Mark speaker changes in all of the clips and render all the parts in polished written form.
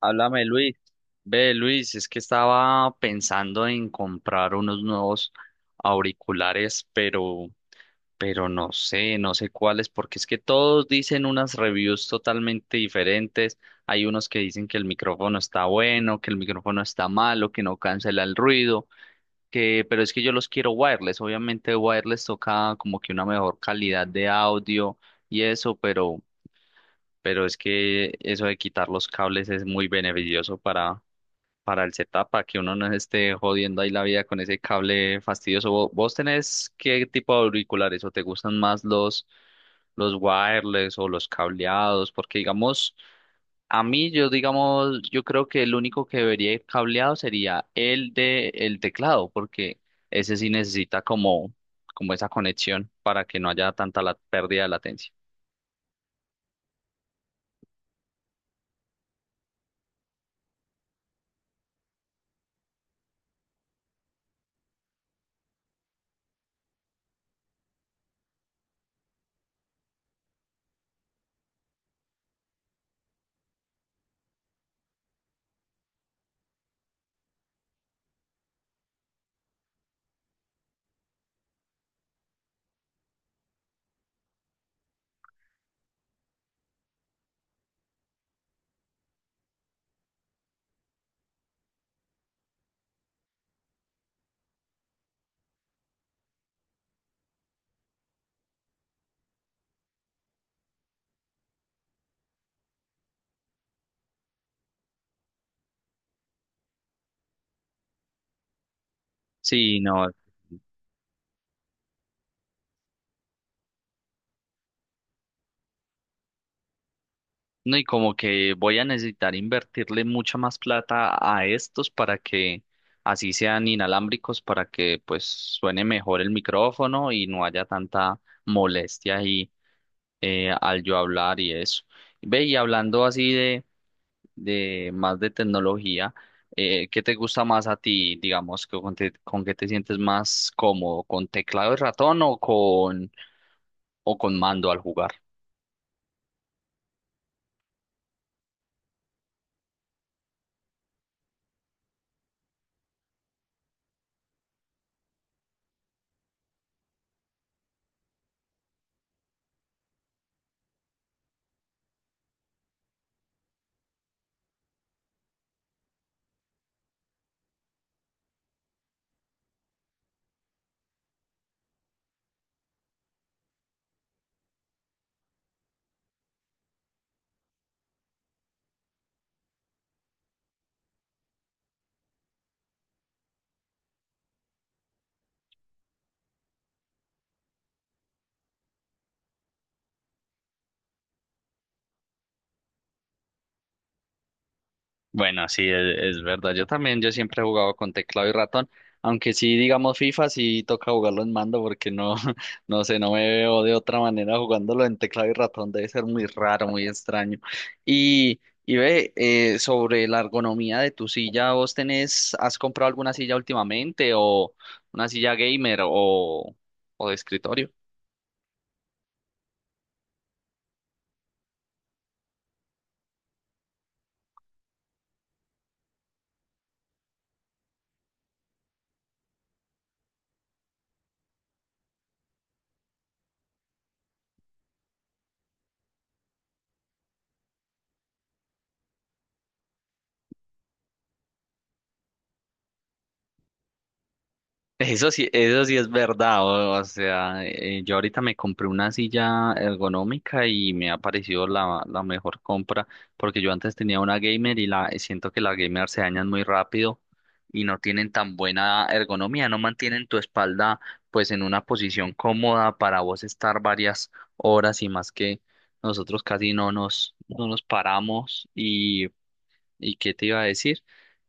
Speaker 1: Háblame, Luis. Ve, Luis, es que estaba pensando en comprar unos nuevos auriculares, pero no sé, no sé cuáles, porque es que todos dicen unas reviews totalmente diferentes. Hay unos que dicen que el micrófono está bueno, que el micrófono está malo, que no cancela el ruido, que, pero es que yo los quiero wireless. Obviamente wireless toca como que una mejor calidad de audio y eso, pero es que eso de quitar los cables es muy beneficioso para el setup, para que uno no se esté jodiendo ahí la vida con ese cable fastidioso. ¿Vos tenés qué tipo de auriculares o te gustan más los wireless o los cableados? Porque digamos, a mí yo digamos, yo creo que el único que debería ir cableado sería el de el teclado, porque ese sí necesita como esa conexión para que no haya tanta la pérdida de latencia. Sí, no. No, y como que voy a necesitar invertirle mucha más plata a estos para que así sean inalámbricos, para que pues suene mejor el micrófono y no haya tanta molestia ahí al yo hablar y eso. Ve, y hablando así de más de tecnología, ¿qué te gusta más a ti? Digamos, con qué te sientes más cómodo, ¿con teclado y ratón o con mando al jugar? Bueno, sí, es verdad. Yo también, yo siempre he jugado con teclado y ratón, aunque sí, digamos, FIFA sí toca jugarlo en mando porque no, no sé, no me veo de otra manera jugándolo en teclado y ratón. Debe ser muy raro, muy extraño. Y, y ve, sobre la ergonomía de tu silla, ¿vos tenés, has comprado alguna silla últimamente o una silla gamer o de escritorio? Eso sí es verdad, o sea, yo ahorita me compré una silla ergonómica y me ha parecido la mejor compra, porque yo antes tenía una gamer y la siento que las gamer se dañan muy rápido y no tienen tan buena ergonomía, no mantienen tu espalda pues en una posición cómoda para vos estar varias horas y más que nosotros casi no nos paramos ¿y qué te iba a decir?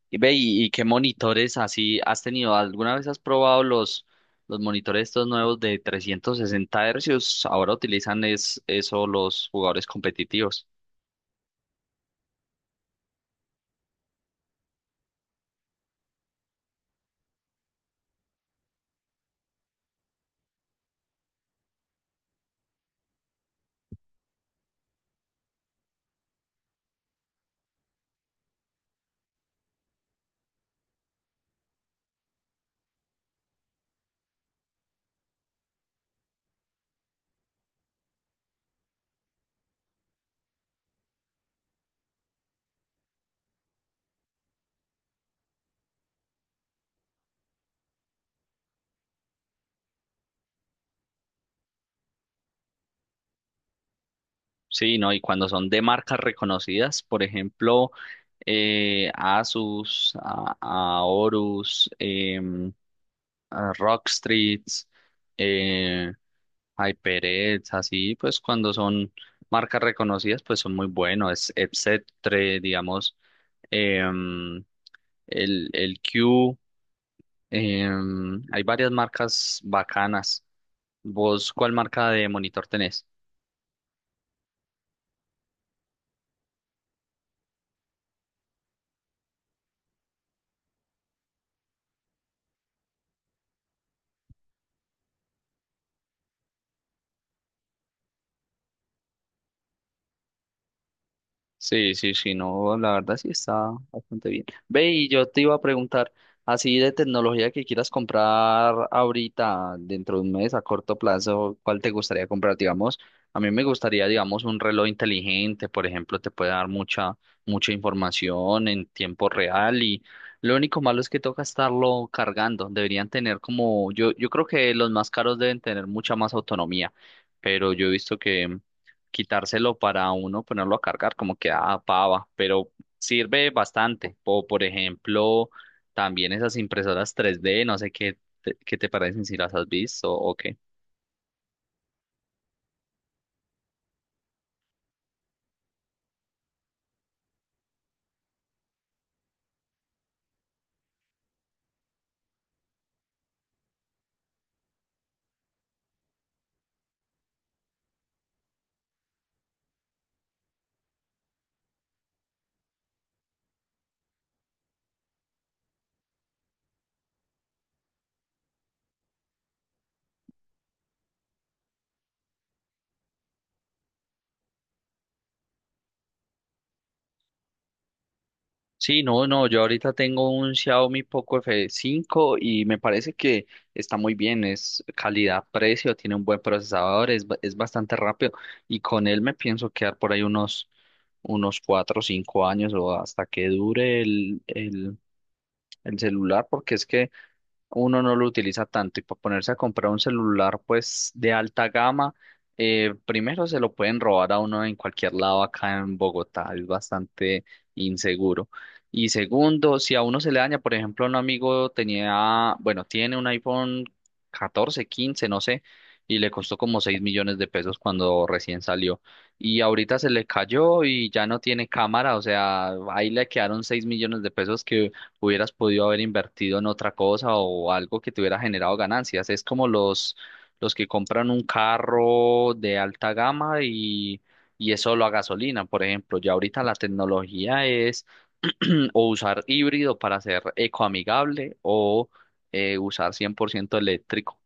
Speaker 1: Y ve, y ¿qué monitores así has tenido? ¿Alguna vez has probado los monitores estos nuevos de 360 hercios? Ahora utilizan es, eso los jugadores competitivos. Sí, ¿no? Y cuando son de marcas reconocidas, por ejemplo, Asus, a Horus, a Rockstreet, eh, HyperX, así, pues cuando son marcas reconocidas, pues son muy buenos, es etc., digamos. em, el Q. Hay varias marcas bacanas. ¿Vos cuál marca de monitor tenés? Sí, sí, sí, no, la verdad sí está bastante bien. Ve, y yo te iba a preguntar, así de tecnología que quieras comprar ahorita, dentro de un mes, a corto plazo, ¿cuál te gustaría comprar? Digamos, a mí me gustaría, digamos, un reloj inteligente, por ejemplo, te puede dar mucha información en tiempo real y lo único malo es que toca estarlo cargando. Deberían tener como, yo creo que los más caros deben tener mucha más autonomía, pero yo he visto que quitárselo para uno ponerlo a cargar, como que ah, pava, pero sirve bastante. O por ejemplo, también esas impresoras 3D, no sé qué te parecen si las has visto o qué. Sí, no, no, yo ahorita tengo un Xiaomi Poco f cinco y me parece que está muy bien, es calidad-precio, tiene un buen procesador, es bastante rápido y con él me pienso quedar por ahí unos 4 o 5 años o hasta que dure el celular porque es que uno no lo utiliza tanto y para ponerse a comprar un celular pues de alta gama, primero se lo pueden robar a uno en cualquier lado acá en Bogotá, es bastante inseguro. Y segundo, si a uno se le daña, por ejemplo, un amigo tenía, bueno, tiene un iPhone 14, 15, no sé, y le costó como 6 millones de pesos cuando recién salió. Y ahorita se le cayó y ya no tiene cámara, o sea, ahí le quedaron 6 millones de pesos que hubieras podido haber invertido en otra cosa o algo que te hubiera generado ganancias. Es como los que compran un carro de alta gama y es solo a gasolina, por ejemplo. Ya ahorita la tecnología es o usar híbrido para ser ecoamigable o usar 100% eléctrico.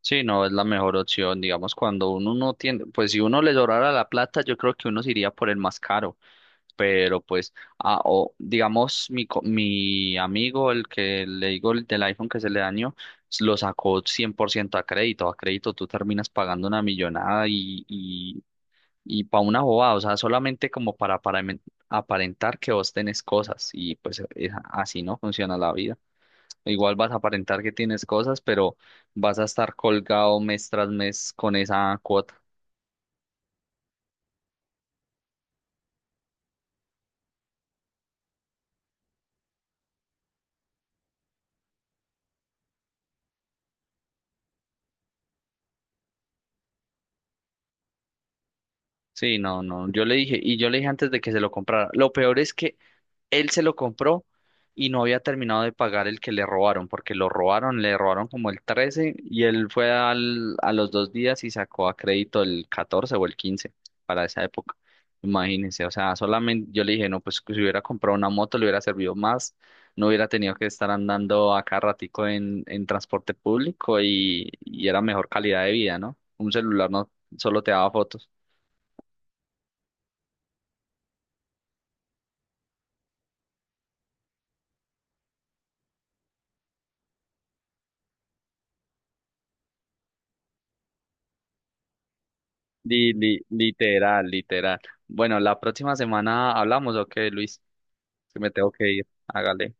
Speaker 1: Sí, no es la mejor opción, digamos, cuando uno no tiene, pues si uno le sobrara la plata, yo creo que uno se iría por el más caro. Pero pues, ah, o digamos, mi amigo, el que le digo el del iPhone que se le dañó, lo sacó 100% a crédito. A crédito tú terminas pagando una millonada y para una bobada, o sea, solamente como aparentar que vos tenés cosas y pues así no funciona la vida. Igual vas a aparentar que tienes cosas, pero vas a estar colgado mes tras mes con esa cuota. Sí, no, no, yo le dije, y yo le dije antes de que se lo comprara, lo peor es que él se lo compró y no había terminado de pagar el que le robaron, porque lo robaron, le robaron como el 13 y él fue al, a los dos días y sacó a crédito el 14 o el 15 para esa época. Imagínense, o sea, solamente yo le dije, no, pues si hubiera comprado una moto le hubiera servido más, no hubiera tenido que estar andando acá ratico en transporte público y era mejor calidad de vida, ¿no? Un celular no solo te daba fotos. Literal, literal. Bueno, la próxima semana hablamos, ok, Luis, que me tengo que ir. Hágale.